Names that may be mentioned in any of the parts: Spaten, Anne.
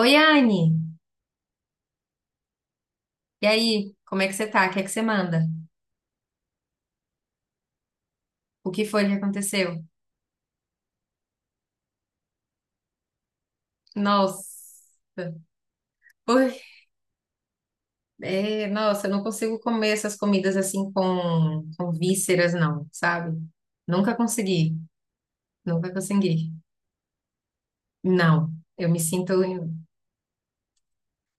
Oi, Anne! E aí, como é que você tá? O que é que você manda? O que foi que aconteceu? Nossa! Ui, é, nossa, eu não consigo comer essas comidas assim com vísceras, não, sabe? Nunca consegui, nunca consegui. Não, eu me sinto.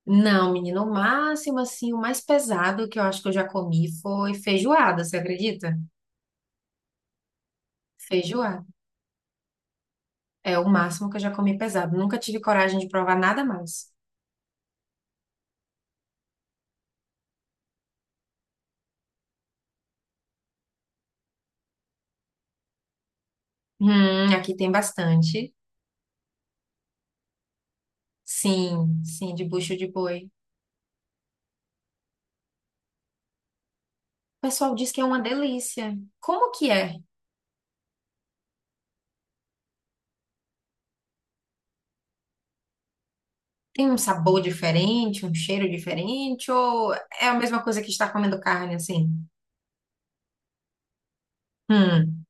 Não, menino, o máximo assim, o mais pesado que eu acho que eu já comi foi feijoada, você acredita? Feijoada. É o máximo que eu já comi pesado. Nunca tive coragem de provar nada mais. Aqui tem bastante. Sim, sim, de bucho de boi. O pessoal diz que é uma delícia. Como que é? Tem um sabor diferente, um cheiro diferente, ou é a mesma coisa que estar comendo carne, assim? Hum,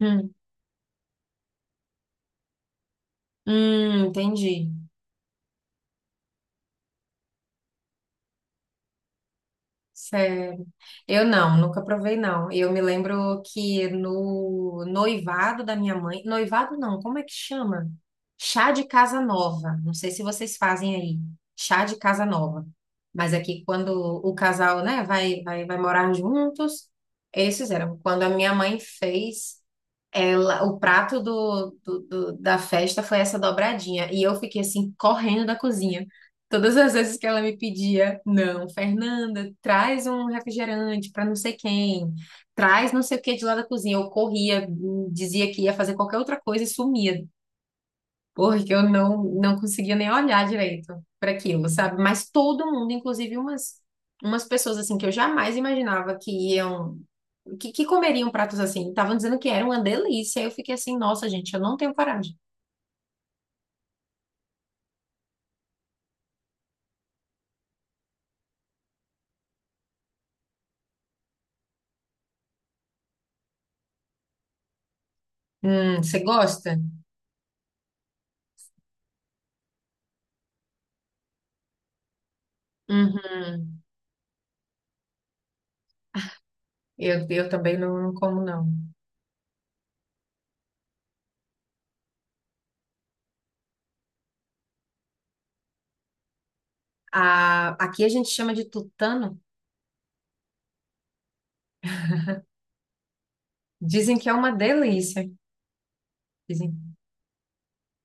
hum, hum, entendi. Sério. Eu não, nunca provei, não. Eu me lembro que no noivado da minha mãe. Noivado não, como é que chama? Chá de casa nova. Não sei se vocês fazem aí. Chá de casa nova. Mas aqui, quando o casal, né, vai morar juntos, eles fizeram. Quando a minha mãe fez. Ela, o prato da festa foi essa dobradinha. E eu fiquei assim, correndo da cozinha. Todas as vezes que ela me pedia, não, Fernanda, traz um refrigerante para não sei quem, traz não sei o que de lá da cozinha. Eu corria, dizia que ia fazer qualquer outra coisa e sumia porque eu não, não conseguia nem olhar direito para aquilo, sabe? Mas todo mundo, inclusive umas, umas pessoas assim que eu jamais imaginava que iam, que comeriam pratos assim, estavam dizendo que era uma delícia. Aí eu fiquei assim, nossa, gente, eu não tenho coragem. Você gosta? Uhum. Eu também não como, não. A, aqui a gente chama de tutano. Dizem que é uma delícia. Dizem.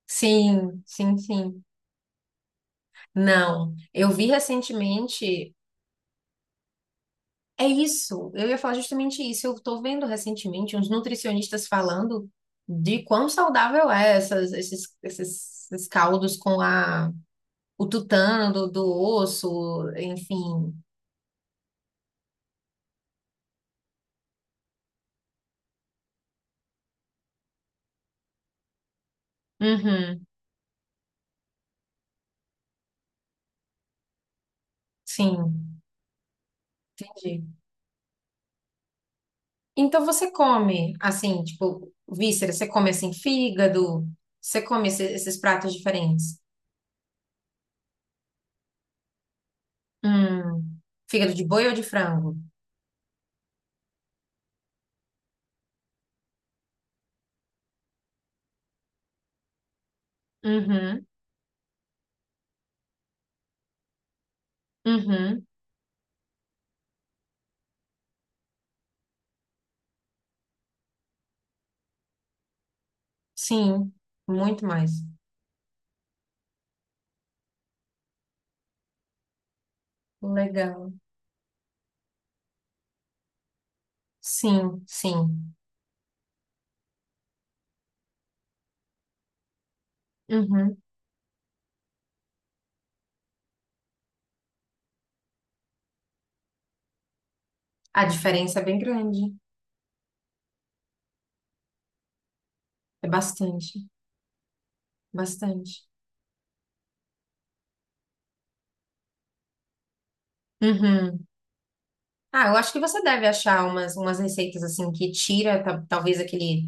Sim, sim, sim. Não, eu vi recentemente. É isso, eu ia falar justamente isso. Eu estou vendo recentemente uns nutricionistas falando de quão saudável é essas, esses caldos com o tutano do osso, enfim. Uhum, sim, entendi. Então você come assim, tipo, vísceras, você come assim, fígado, você come esses pratos diferentes. Hum, fígado de boi ou de frango? Uhum, uhum, sim, muito mais. Legal. Sim, sim. Uhum. A diferença é bem grande. É bastante, bastante. Uhum. Ah, eu acho que você deve achar umas, umas receitas assim que tira talvez aquele.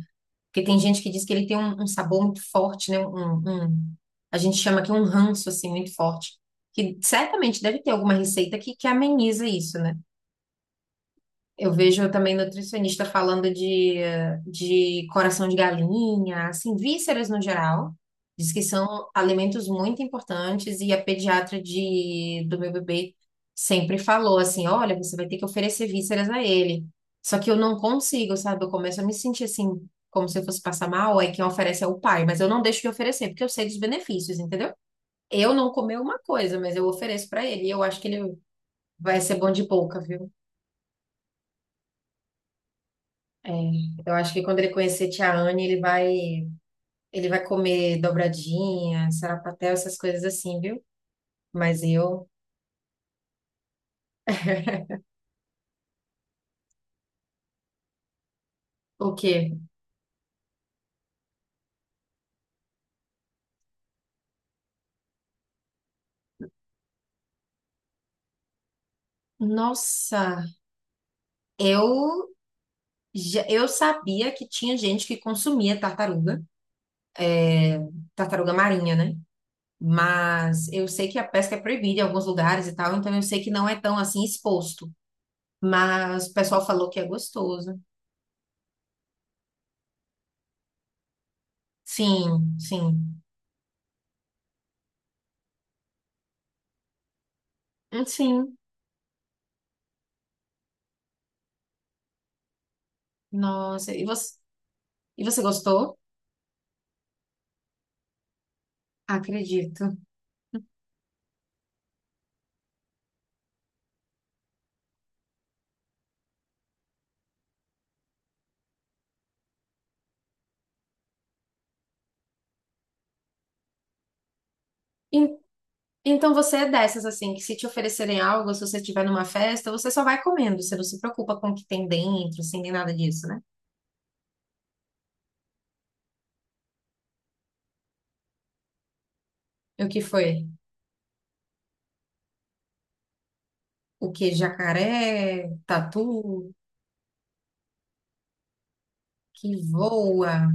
Porque tem gente que diz que ele tem um, um sabor muito forte, né? Um- a gente chama aqui um ranço assim muito forte. Que certamente deve ter alguma receita que ameniza isso, né? Eu vejo também nutricionista falando de coração de galinha, assim, vísceras no geral. Diz que são alimentos muito importantes e a pediatra do meu bebê sempre falou assim, olha, você vai ter que oferecer vísceras a ele. Só que eu não consigo, sabe? Eu começo a me sentir assim, como se eu fosse passar mal, aí quem oferece é o pai, mas eu não deixo de oferecer, porque eu sei dos benefícios, entendeu? Eu não comer uma coisa, mas eu ofereço para ele, e eu acho que ele vai ser bom de boca, viu? É, eu acho que quando ele conhecer Tia Anne, ele vai comer dobradinha, sarapatel, essas coisas assim, viu? Mas eu, o quê? Nossa, eu já, eu sabia que tinha gente que consumia tartaruga, tartaruga marinha, né? Mas eu sei que a pesca é proibida em alguns lugares e tal, então eu sei que não é tão assim exposto. Mas o pessoal falou que é gostoso. Sim, sim. Sim. Nossa, e você gostou? Acredito. E então você é dessas, assim, que se te oferecerem algo, se você estiver numa festa, você só vai comendo, você não se preocupa com o que tem dentro, assim, nem nada disso, né? E o que foi? O que? Jacaré, tatu, que voa,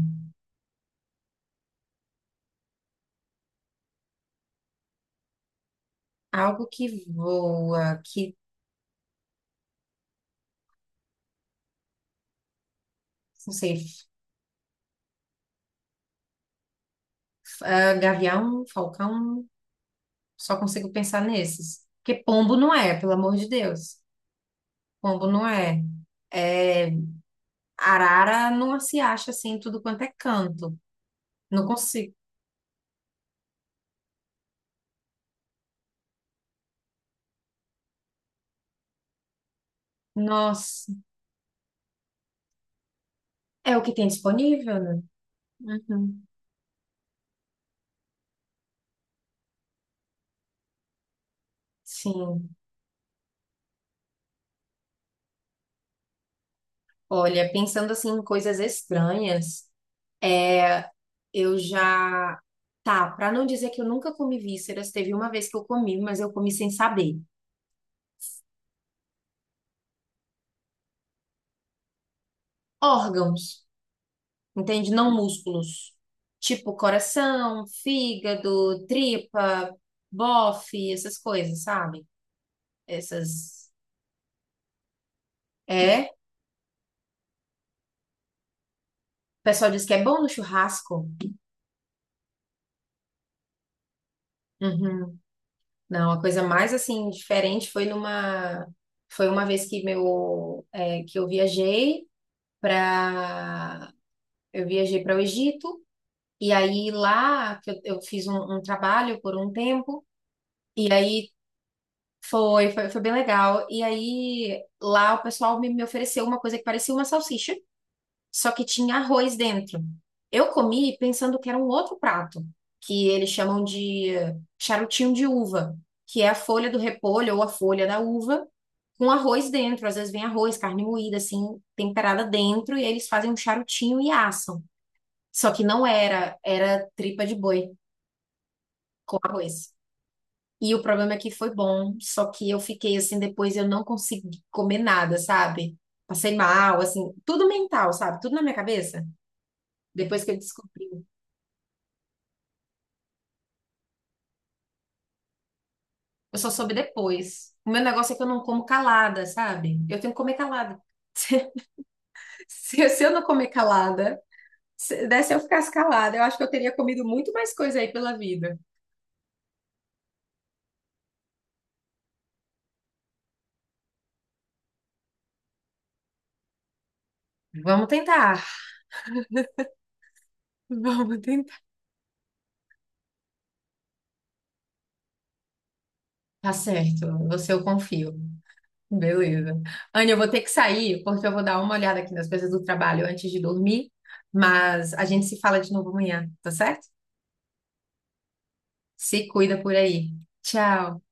algo que voa, que, não sei, ah, gavião, falcão, só consigo pensar nesses. Porque pombo não é, pelo amor de Deus. Pombo não é. É, arara não se acha assim, em tudo quanto é canto. Não consigo. Nossa. É o que tem disponível, né? Uhum. Sim. Olha, pensando assim em coisas estranhas, é, eu já. Tá, pra não dizer que eu nunca comi vísceras, teve uma vez que eu comi, mas eu comi sem saber. Órgãos, entende? Não músculos. Tipo coração, fígado, tripa, bofe, essas coisas, sabe? Essas. É. O pessoal diz que é bom no churrasco. Uhum. Não, a coisa mais assim diferente foi numa foi uma vez que para eu viajei para o Egito e aí lá que eu fiz um trabalho por um tempo e aí foi, foi bem legal e aí lá o pessoal me ofereceu uma coisa que parecia uma salsicha só que tinha arroz dentro. Eu comi pensando que era um outro prato que eles chamam de charutinho de uva que é a folha do repolho ou a folha da uva com arroz dentro. Às vezes vem arroz, carne moída, assim, temperada dentro, e eles fazem um charutinho e assam. Só que não era, era tripa de boi com arroz. E o problema é que foi bom, só que eu fiquei assim, depois eu não consegui comer nada, sabe? Passei mal, assim, tudo mental, sabe? Tudo na minha cabeça. Depois que eu descobri. Eu só soube depois. O meu negócio é que eu não como calada, sabe? Eu tenho que comer calada. Se eu não comer calada, se desse eu ficasse calada, eu acho que eu teria comido muito mais coisa aí pela vida. Vamos tentar. Vamos tentar. Tá certo, você eu confio. Beleza. Anne, eu vou ter que sair porque eu vou dar uma olhada aqui nas coisas do trabalho antes de dormir, mas a gente se fala de novo amanhã, tá certo? Se cuida por aí. Tchau.